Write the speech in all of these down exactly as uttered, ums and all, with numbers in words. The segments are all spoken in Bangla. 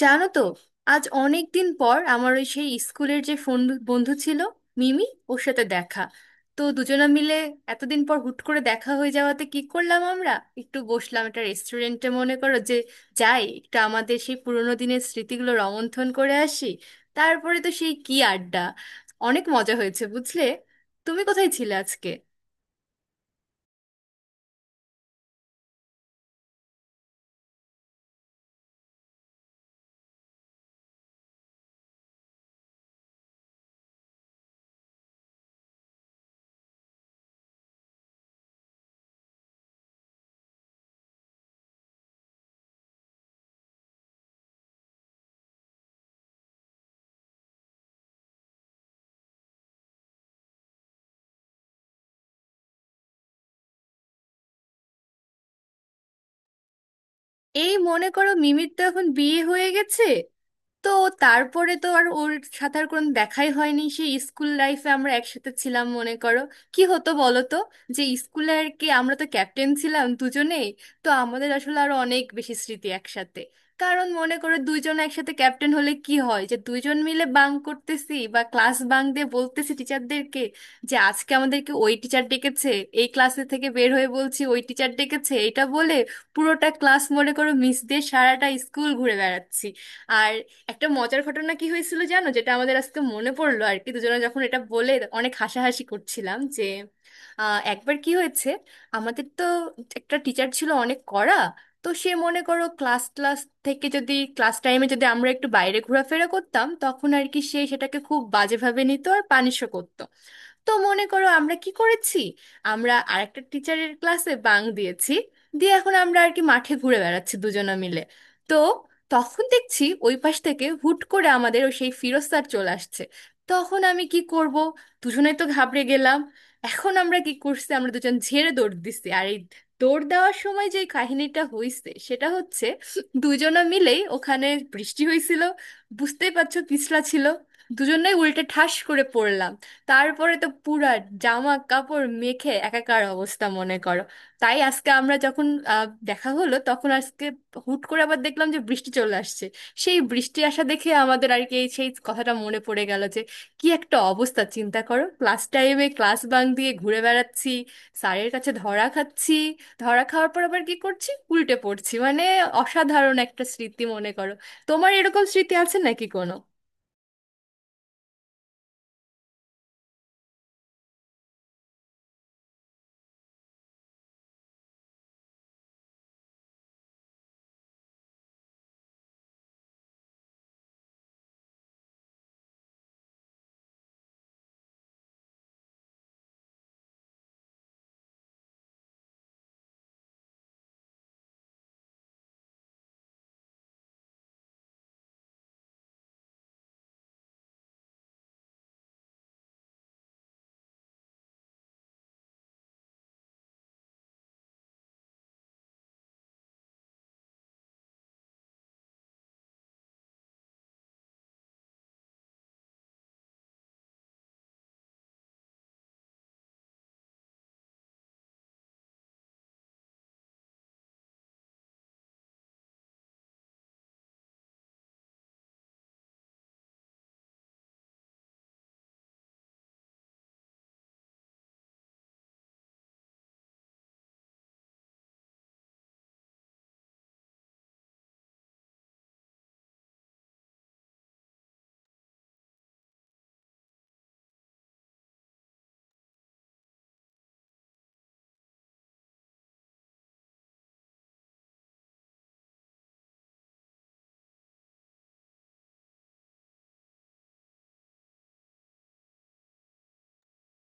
জানো তো? আজ অনেক দিন পর আমার ওই সেই স্কুলের যে ফোন বন্ধু ছিল, মিমি, ওর সাথে দেখা। তো দুজনা মিলে এতদিন পর হুট করে দেখা হয়ে যাওয়াতে কি করলাম আমরা, একটু বসলাম একটা রেস্টুরেন্টে, মনে করো, যে যাই একটু আমাদের সেই পুরোনো দিনের স্মৃতিগুলো রোমন্থন করে আসি। তারপরে তো সেই কি আড্ডা! অনেক মজা হয়েছে, বুঝলে। তুমি কোথায় ছিলে আজকে? এই মনে করো, মিমির তো এখন বিয়ে হয়ে গেছে। তো তারপরে তো আর ওর সাথে আর কোনো দেখাই হয়নি, সেই স্কুল লাইফে আমরা একসাথে ছিলাম, মনে করো। কি হতো বলো তো, যে স্কুলে আর কি, আমরা তো ক্যাপ্টেন ছিলাম দুজনেই। তো আমাদের আসলে আরো অনেক বেশি স্মৃতি একসাথে। কারণ মনে করো, দুইজন একসাথে ক্যাপ্টেন হলে কি হয়, যে দুইজন মিলে বাঙ্ক করতেছি বা ক্লাস বাঙ্ক দিয়ে বলতেছি টিচারদেরকে যে আজকে আমাদেরকে ওই টিচার ডেকেছে। এই ক্লাসে থেকে বের হয়ে বলছি ওই টিচার ডেকেছে এটা বলে, পুরোটা ক্লাস মনে করো মিস দিয়ে সারাটা স্কুল ঘুরে বেড়াচ্ছি। আর একটা মজার ঘটনা কি হয়েছিল জানো, যেটা আমাদের আজকে মনে পড়লো আর কি দুজনে যখন এটা বলে অনেক হাসাহাসি করছিলাম, যে আহ, একবার কি হয়েছে, আমাদের তো একটা টিচার ছিল অনেক কড়া। তো সে মনে করো ক্লাস ক্লাস থেকে, যদি ক্লাস টাইমে যদি আমরা একটু বাইরে ঘোরাফেরা করতাম, তখন আর কি সে সেটাকে খুব বাজেভাবে নিত আর পানিশও করতো। তো মনে করো আমরা কি করেছি, আমরা আরেকটা টিচারের ক্লাসে বাং দিয়েছি, দিয়ে এখন আমরা আর কি মাঠে ঘুরে বেড়াচ্ছি দুজনে মিলে। তো তখন দেখছি ওই পাশ থেকে হুট করে আমাদের ও সেই ফিরোজ স্যার চলে আসছে। তখন আমি কি করব! দুজনেই তো ঘাবড়ে গেলাম। এখন আমরা কি করছি, আমরা দুজন ঝেড়ে দৌড় দিচ্ছি, আর এই দৌড় দেওয়ার সময় যে কাহিনীটা হয়েছে সেটা হচ্ছে দুজনে মিলেই ওখানে বৃষ্টি হয়েছিল, বুঝতেই পারছো পিছলা ছিল, দুজনেই উল্টে ঠাস করে পড়লাম। তারপরে তো পুরা জামা কাপড় মেখে একাকার অবস্থা, মনে করো। তাই আজকে আমরা যখন আহ, দেখা হলো, তখন আজকে হুট করে আবার দেখলাম যে বৃষ্টি চলে আসছে। সেই বৃষ্টি আসা দেখে আমাদের আর কি এই সেই কথাটা মনে পড়ে গেল, যে কি একটা অবস্থা চিন্তা করো, ক্লাস টাইমে ক্লাস বাঙ্ক দিয়ে ঘুরে বেড়াচ্ছি, স্যারের কাছে ধরা খাচ্ছি, ধরা খাওয়ার পর আবার কি করছি, উল্টে পড়ছি মানে। অসাধারণ একটা স্মৃতি, মনে করো। তোমার এরকম স্মৃতি আছে নাকি কোনো?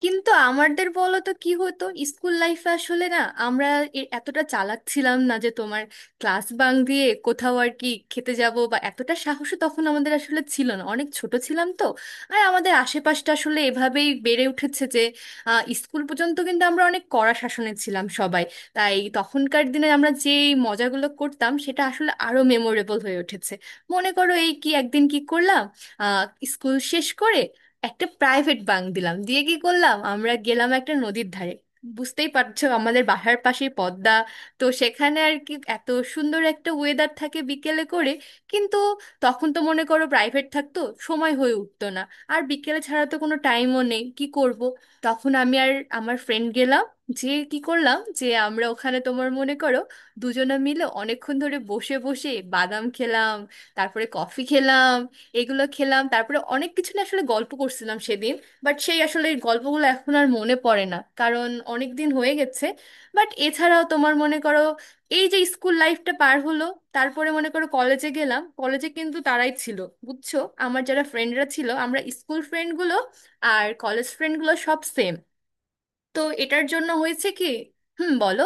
কিন্তু আমাদের বলো তো কি হতো, স্কুল লাইফে আসলে না, আমরা এ- এতটা চালাক ছিলাম না যে তোমার ক্লাস বাং দিয়ে কোথাও আর কি খেতে যাব, বা এতটা সাহস তখন আমাদের আসলে ছিল না, অনেক ছোট ছিলাম তো। আর আমাদের আশেপাশটা আসলে এভাবেই বেড়ে উঠেছে যে আহ, স্কুল পর্যন্ত কিন্তু আমরা অনেক কড়া শাসনে ছিলাম সবাই। তাই তখনকার দিনে আমরা যে মজাগুলো করতাম সেটা আসলে আরো মেমোরেবল হয়ে উঠেছে। মনে করো এই কি, একদিন কি করলাম, আহ, স্কুল শেষ করে একটা প্রাইভেট বাঙ্ক দিলাম, দিয়ে কি করলাম, আমরা গেলাম একটা নদীর ধারে। বুঝতেই পারছো আমাদের বাসার পাশে পদ্মা। তো সেখানে আর কি এত সুন্দর একটা ওয়েদার থাকে বিকেলে করে। কিন্তু তখন তো মনে করো প্রাইভেট থাকতো, সময় হয়ে উঠতো না, আর বিকেলে ছাড়া তো কোনো টাইমও নেই, কি করব। তখন আমি আর আমার ফ্রেন্ড গেলাম। যে কি করলাম, যে আমরা ওখানে তোমার মনে করো দুজনে মিলে অনেকক্ষণ ধরে বসে বসে বাদাম খেলাম, তারপরে কফি খেলাম, এগুলো খেলাম, তারপরে অনেক কিছু না আসলে গল্প করছিলাম সেদিন। বাট সেই আসলে গল্পগুলো এখন আর মনে পড়ে না, কারণ অনেক দিন হয়ে গেছে। বাট এছাড়াও তোমার মনে করো, এই যে স্কুল লাইফটা পার হলো তারপরে মনে করো কলেজে গেলাম, কলেজে কিন্তু তারাই ছিল, বুঝছো, আমার যারা ফ্রেন্ডরা ছিল, আমরা স্কুল ফ্রেন্ডগুলো আর কলেজ ফ্রেন্ডগুলো সব সেম। তো এটার জন্য হয়েছে কি, হুম বলো।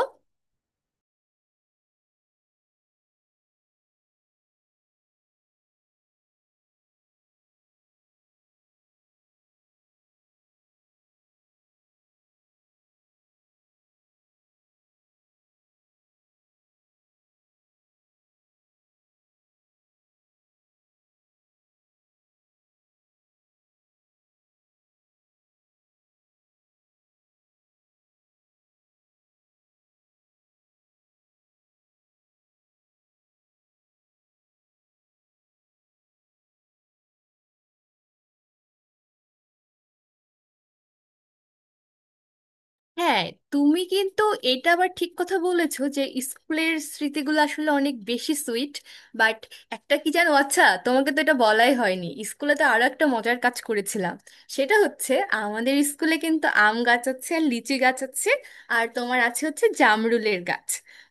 হ্যাঁ। তুমি কিন্তু এটা আবার ঠিক কথা বলেছো যে স্কুলের স্মৃতিগুলো আসলে অনেক বেশি সুইট। বাট একটা কি জানো, আচ্ছা তোমাকে তো এটা বলাই হয়নি, স্কুলে তো আরো একটা মজার কাজ করেছিলাম, সেটা হচ্ছে আমাদের স্কুলে কিন্তু আম গাছ আছে, আর লিচি গাছ আছে, আর তোমার আছে হচ্ছে জামরুলের গাছ।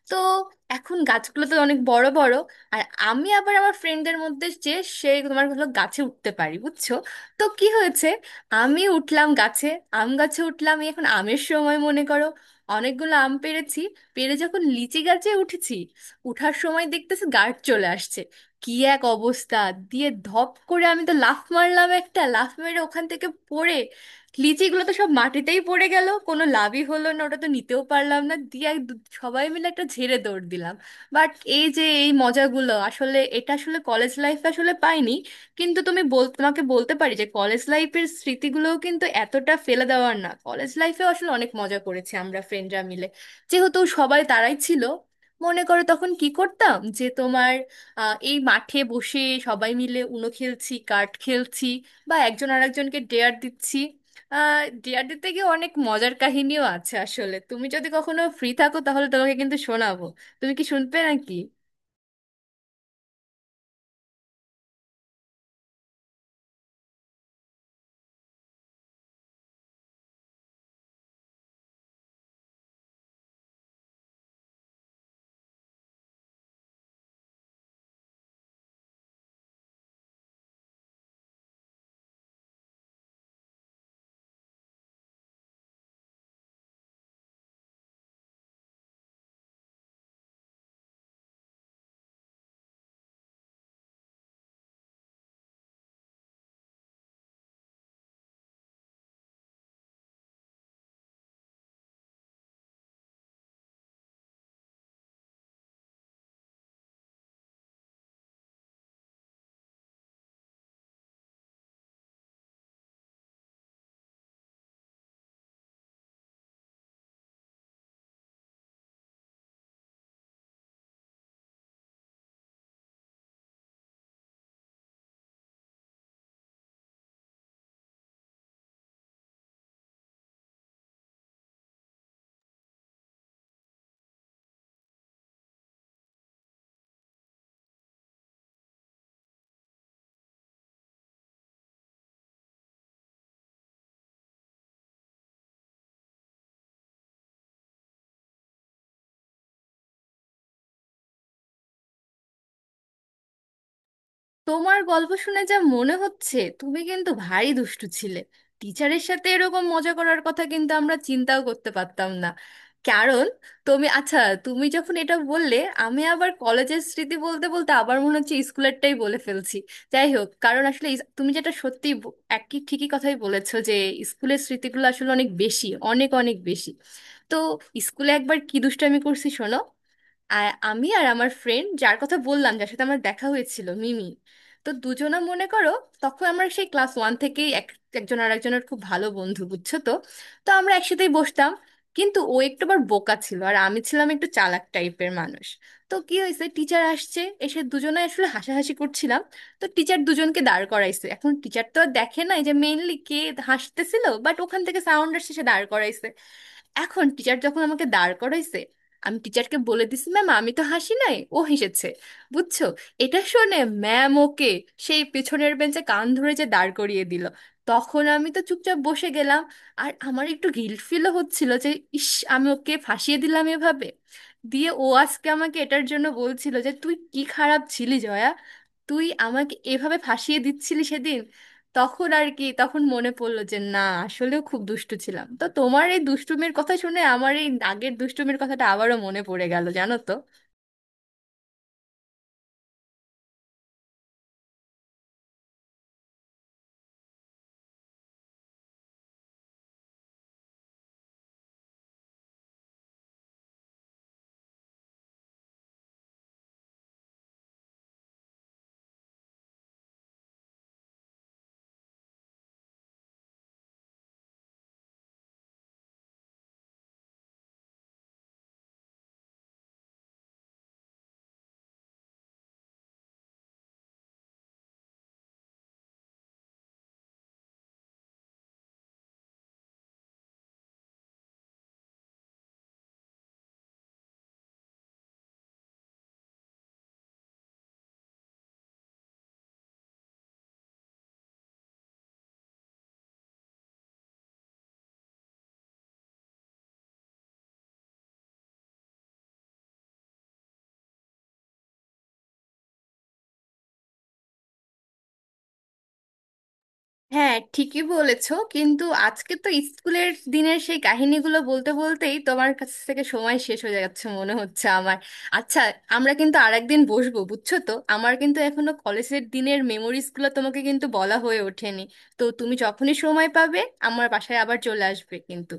তো এখন গাছগুলো তো অনেক বড় বড়। আর আমি আবার আমার ফ্রেন্ডদের মধ্যে যে সে তোমার হলো গাছে উঠতে পারি, বুঝছো। তো কি হয়েছে, আমি উঠলাম গাছে, আম গাছে উঠলাম এই, এখন আমের সময় মনে করো, অনেকগুলো আম পেড়েছি, পেড়ে যখন লিচি গাছে উঠেছি, উঠার সময় দেখতেছি গার্ড চলে আসছে। কি এক অবস্থা! দিয়ে ধপ করে আমি তো লাফ মারলাম একটা, লাফ মেরে ওখান থেকে পড়ে লিচিগুলো তো সব মাটিতেই পড়ে গেল, কোনো লাভই হলো না, ওটা তো নিতেও পারলাম না, দিয়ে এক দু- সবাই মিলে একটা ঝেড়ে দৌড় দিলাম। বাট এই যে এই মজাগুলো আসলে, এটা আসলে কলেজ লাইফে আসলে পাইনি। কিন্তু তুমি বল, তোমাকে বলতে পারি যে কলেজ লাইফের স্মৃতিগুলোও কিন্তু এতটা ফেলে দেওয়ার না, কলেজ লাইফে আসলে অনেক মজা করেছি আমরা ফ্রেন্ডরা মিলে, যেহেতু সবাই তারাই ছিল। মনে করো তখন কি করতাম, যে তোমার আহ, এই মাঠে বসে সবাই মিলে উনো খেলছি, কার্ড খেলছি, বা একজন আরেকজনকে ডেয়ার দিচ্ছি। আহ ডেয়ার দিতে গিয়ে অনেক মজার কাহিনীও আছে আসলে, তুমি যদি কখনো ফ্রি থাকো তাহলে তোমাকে কিন্তু শোনাবো। তুমি কি শুনবে নাকি? তোমার গল্প শুনে যা মনে হচ্ছে তুমি কিন্তু ভারী দুষ্টু ছিলে। টিচারের সাথে এরকম মজা করার কথা কিন্তু আমরা চিন্তাও করতে পারতাম না, কারণ তুমি, আচ্ছা, তুমি যখন এটা বললে আমি আবার কলেজের স্মৃতি বলতে বলতে আবার মনে হচ্ছে স্কুলেরটাই বলে ফেলছি। যাই হোক, কারণ আসলে ইস- তুমি যেটা সত্যি ব- একই ঠিকই কথাই বলেছো যে স্কুলের স্মৃতিগুলো আসলে অনেক বেশি, অনেক অনেক বেশি। তো স্কুলে একবার কি দুষ্টামি করছি শোনো। আর আমি, আর আমার ফ্রেন্ড যার কথা বললাম, যার সাথে আমার দেখা হয়েছিল, মিমি। তো দুজনা মনে করো, তখন আমরা সেই ক্লাস ওয়ান থেকেই এক একজন আর একজনের খুব ভালো বন্ধু, বুঝছো তো। তো আমরা একসাথেই বসতাম, কিন্তু ও একটু আবার বোকা ছিল আর আমি ছিলাম একটু চালাক টাইপের মানুষ। তো কি হয়েছে, টিচার আসছে, এসে দুজনে আসলে হাসাহাসি করছিলাম। তো টিচার দুজনকে দাঁড় করাইছে, এখন টিচার তো আর দেখে নাই যে মেইনলি কে হাসতেছিল, বাট ওখান থেকে সাউন্ড আসছে সে দাঁড় করাইছে। এখন টিচার যখন আমাকে দাঁড় করাইছে, আমি টিচারকে বলে দিছি, ম্যাম আমি তো হাসি নাই, ও হেসেছে, বুঝছো। এটা শুনে ম্যাম ওকে সেই পেছনের বেঞ্চে কান ধরে যে দাঁড় করিয়ে দিল, তখন আমি তো চুপচাপ বসে গেলাম। আর আমার একটু গিল্ট ফিলও হচ্ছিল যে ইস, আমি ওকে ফাঁসিয়ে দিলাম এভাবে। দিয়ে ও আজকে আমাকে এটার জন্য বলছিল যে তুই কি খারাপ ছিলি জয়া, তুই আমাকে এভাবে ফাঁসিয়ে দিচ্ছিলি সেদিন। তখন আর কি, তখন মনে পড়লো যে না, আসলেও খুব দুষ্টু ছিলাম। তো তোমার এই দুষ্টুমির কথা শুনে আমার এই আগের দুষ্টুমির কথাটা আবারও মনে পড়ে গেল, জানো তো। হ্যাঁ ঠিকই বলেছো, কিন্তু আজকে তো স্কুলের দিনের সেই কাহিনীগুলো বলতে বলতেই তোমার কাছ থেকে সময় শেষ হয়ে যাচ্ছে মনে হচ্ছে আমার। আচ্ছা, আমরা কিন্তু আরেকদিন বসবো, বুঝছো তো, আমার কিন্তু এখনো কলেজের দিনের মেমোরিজগুলো তোমাকে কিন্তু বলা হয়ে ওঠেনি। তো তুমি যখনই সময় পাবে আমার বাসায় আবার চলে আসবে কিন্তু।